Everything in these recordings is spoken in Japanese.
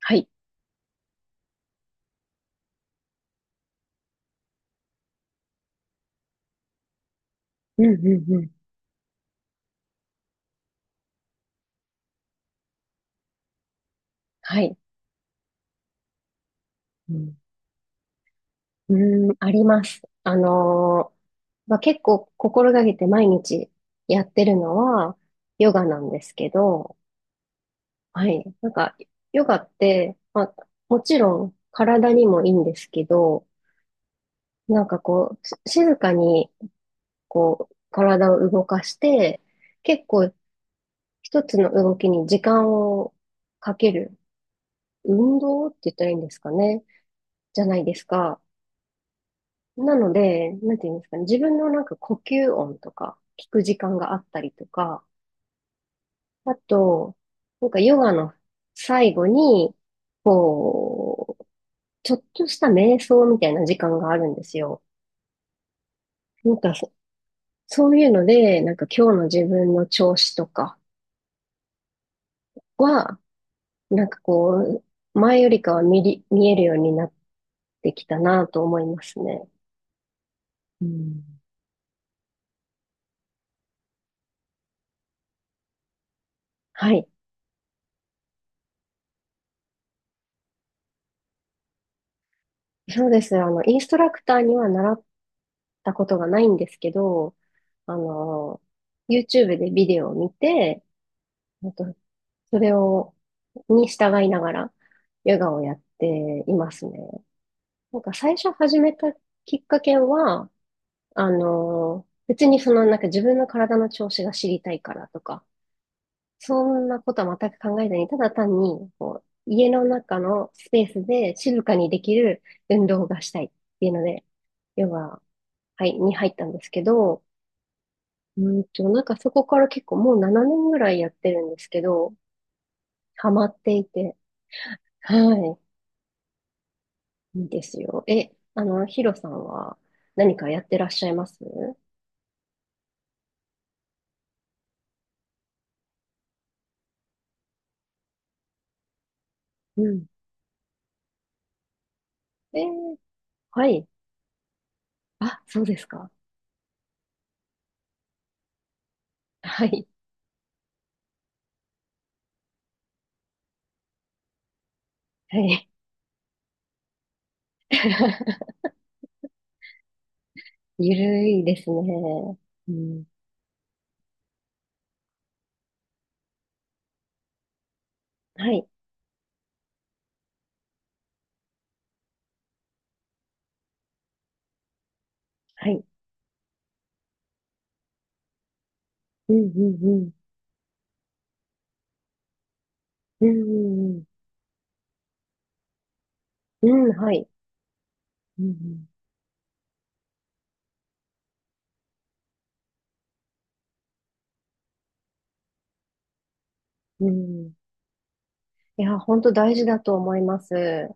はい。うんうんうん。はい。うん、うーんあります。まあ、結構心がけて毎日やってるのはヨガなんですけど、はい。なんか、ヨガって、まあ、もちろん体にもいいんですけど、なんかこう、静かにこう、体を動かして、結構一つの動きに時間をかける運動って言ったらいいんですかね、じゃないですか。なので、なんていうんですかね、自分のなんか呼吸音とか聞く時間があったりとか、あと、なんかヨガの最後に、こう、ちょっとした瞑想みたいな時間があるんですよ。なんかそ、そういうので、なんか今日の自分の調子とかは、なんかこう、前よりかは見えるようになってきたなと思いますね。うん。はい。そうです。あの、インストラクターには習たことがないんですけど、あの、YouTube でビデオを見て、あとそれを、に従いながら、ヨガをやっていますね。なんか最初始めたきっかけは、あの、別にそのなんか自分の体の調子が知りたいからとか、そんなことは全く考えずに、ただ単に、こう、家の中のスペースで静かにできる運動がしたいっていうので、ヨガ、はい、に入ったんですけど、うんと、なんかそこから結構もう7年ぐらいやってるんですけど、ハマっていて、はい、いいですよ。え、あの、ヒロさんは何かやってらっしゃいます？うん。えーはい。あ、そうですか。はい、はい。ゆるいですね。うん、はい、はい。うん、うん、うん。うん、うん、うんはい。うん、うん。うんいや、本当大事だと思います。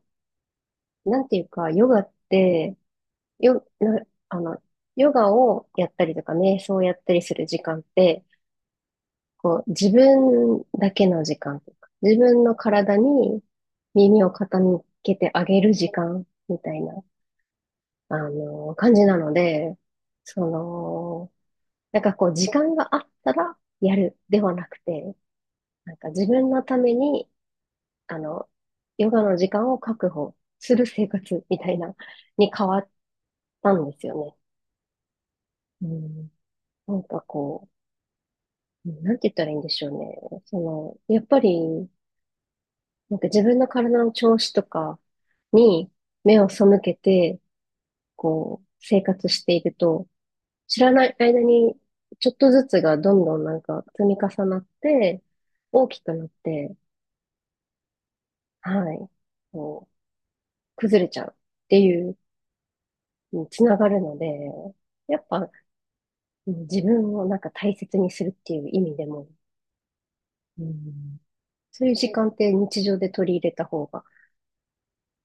なんていうか、ヨガって、よ、な、あの、ヨガをやったりとか、瞑想をやったりする時間って、こう、自分だけの時間とか、自分の体に耳を傾けてあげる時間みたいな、あの、感じなので、その、なんかこう、時間があったらやるではなくて、なんか自分のために、あの、ヨガの時間を確保する生活みたいな、に変わったんですよね。うん。なんかこう、なんて言ったらいいんでしょうね。その、やっぱり、なんか自分の体の調子とかに目を背けて、こう、生活していると、知らない間に、ちょっとずつがどんどんなんか積み重なって、大きくなって、はい、こう、崩れちゃうっていうにつながるので、やっぱ、うん自分をなんか大切にするっていう意味でも、うん、そういう時間って日常で取り入れた方が、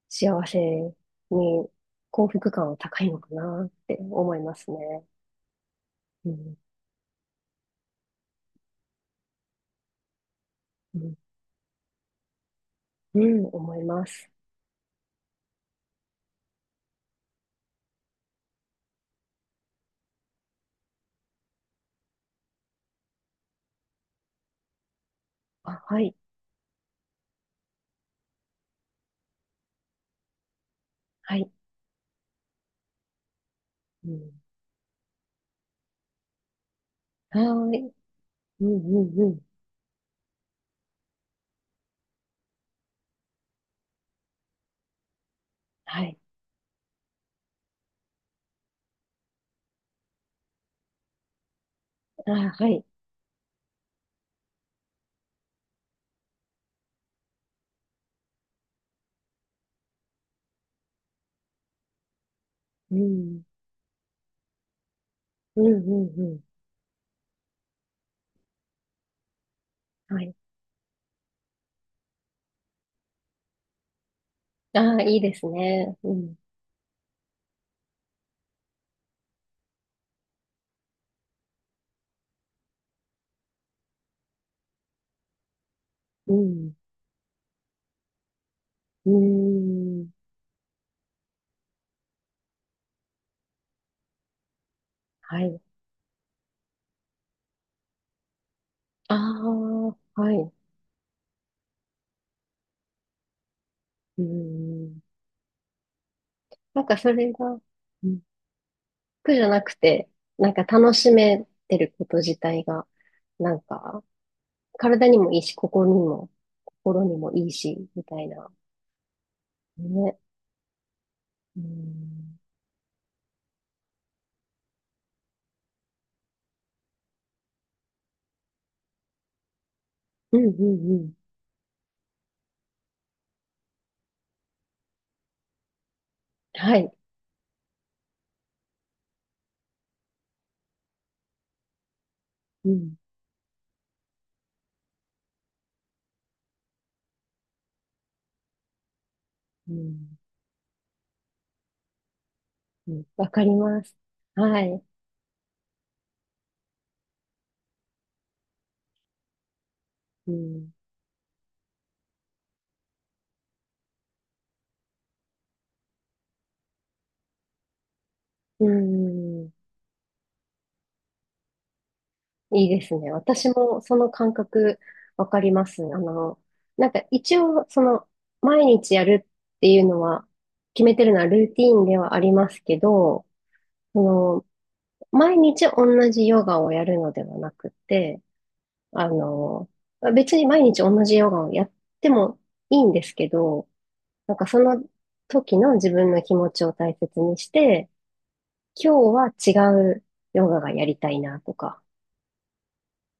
幸せに幸福感は高いのかなって思いますね。うん、うん、うん思います。あ、はい、はい、うん、はーい、うん、うん、うん、はい、あ、はい、うん、うん、うん、うん、はい。あいいですね。うん、うん、うん、はい。ああ、はい、うん。なんかそれが、うん苦じゃなくて、なんか楽しめてること自体が、なんか、体にもいいし、心にもいいし、みたいな。ね。うん、うん、うん、うん。はい。うん、うん、うん。わかります。はい。うん、うん。いいですね。私もその感覚わかります。あの、なんか一応、その、毎日やるっていうのは、決めてるのはルーティーンではありますけど、その、毎日同じヨガをやるのではなくて、あの、別に毎日同じヨガをやってもいいんですけど、なんかその時の自分の気持ちを大切にして、今日は違うヨガがやりたいなとか、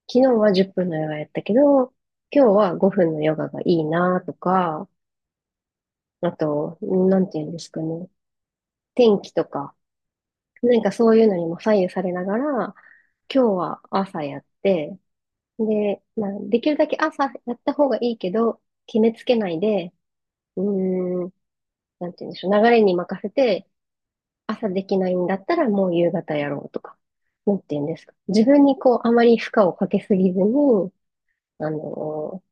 昨日は10分のヨガやったけど、今日は5分のヨガがいいなとか、あと、なんていうんですかね、天気とか、なんかそういうのにも左右されながら、今日は朝やって、で、まあ、できるだけ朝やった方がいいけど、決めつけないで、うーん、なんて言うんでしょう。流れに任せて、朝できないんだったらもう夕方やろうとか。なんて言うんですか。自分にこう、あまり負荷をかけすぎずに、あのー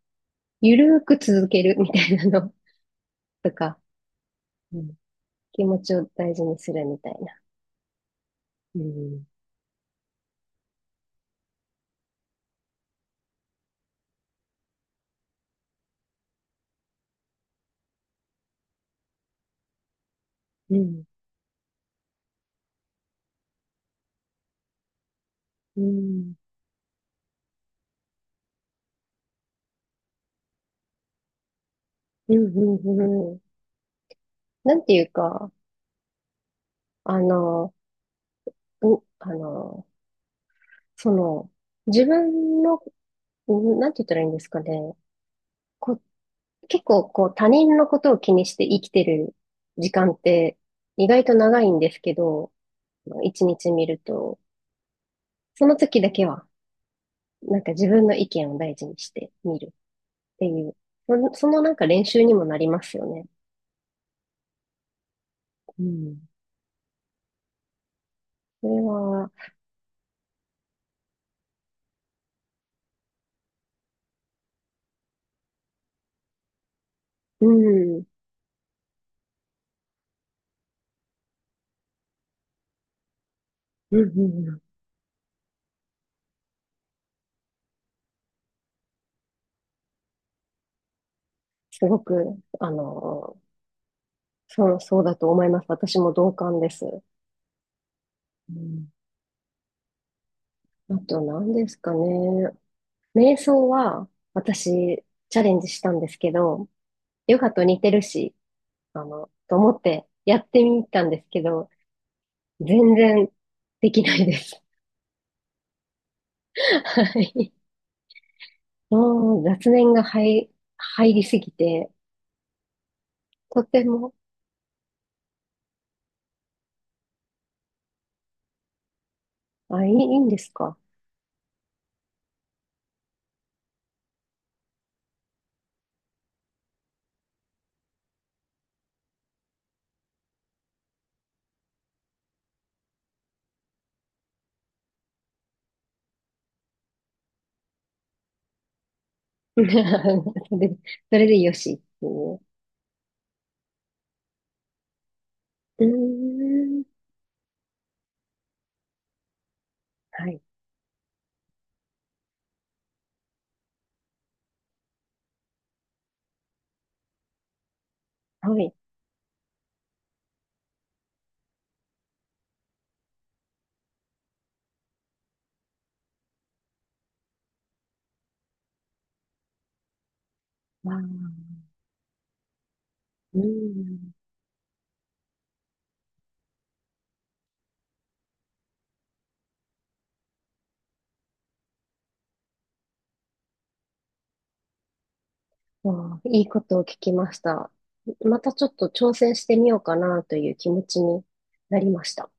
ゆるーく続けるみたいなの とか、うん。気持ちを大事にするみたいな。うん。うん、うん、うん、うん、うん。なんていうか、あのー、う、あのー、その、自分の、うんなんて言ったらいいんですかね。こ、結構こう他人のことを気にして生きてる時間って意外と長いんですけど、一日見ると、その時だけはなんか自分の意見を大事にして見るっていう、そのなんか練習にもなりますよね。うん。それは、うん、うん、うん、うんすごく、あの、そうだと思います。私も同感です。うん。あと何ですかね。瞑想は私チャレンジしたんですけど、ヨガと似てるし、あの、と思ってやってみたんですけど、全然できないです。はい。もう雑念が入、入りすぎて、とても、あ、いいんですか？ それで、それでよしっていう。うーん。はい。はい。わあ、うん。わあ、いいことを聞きました。またちょっと挑戦してみようかなという気持ちになりました。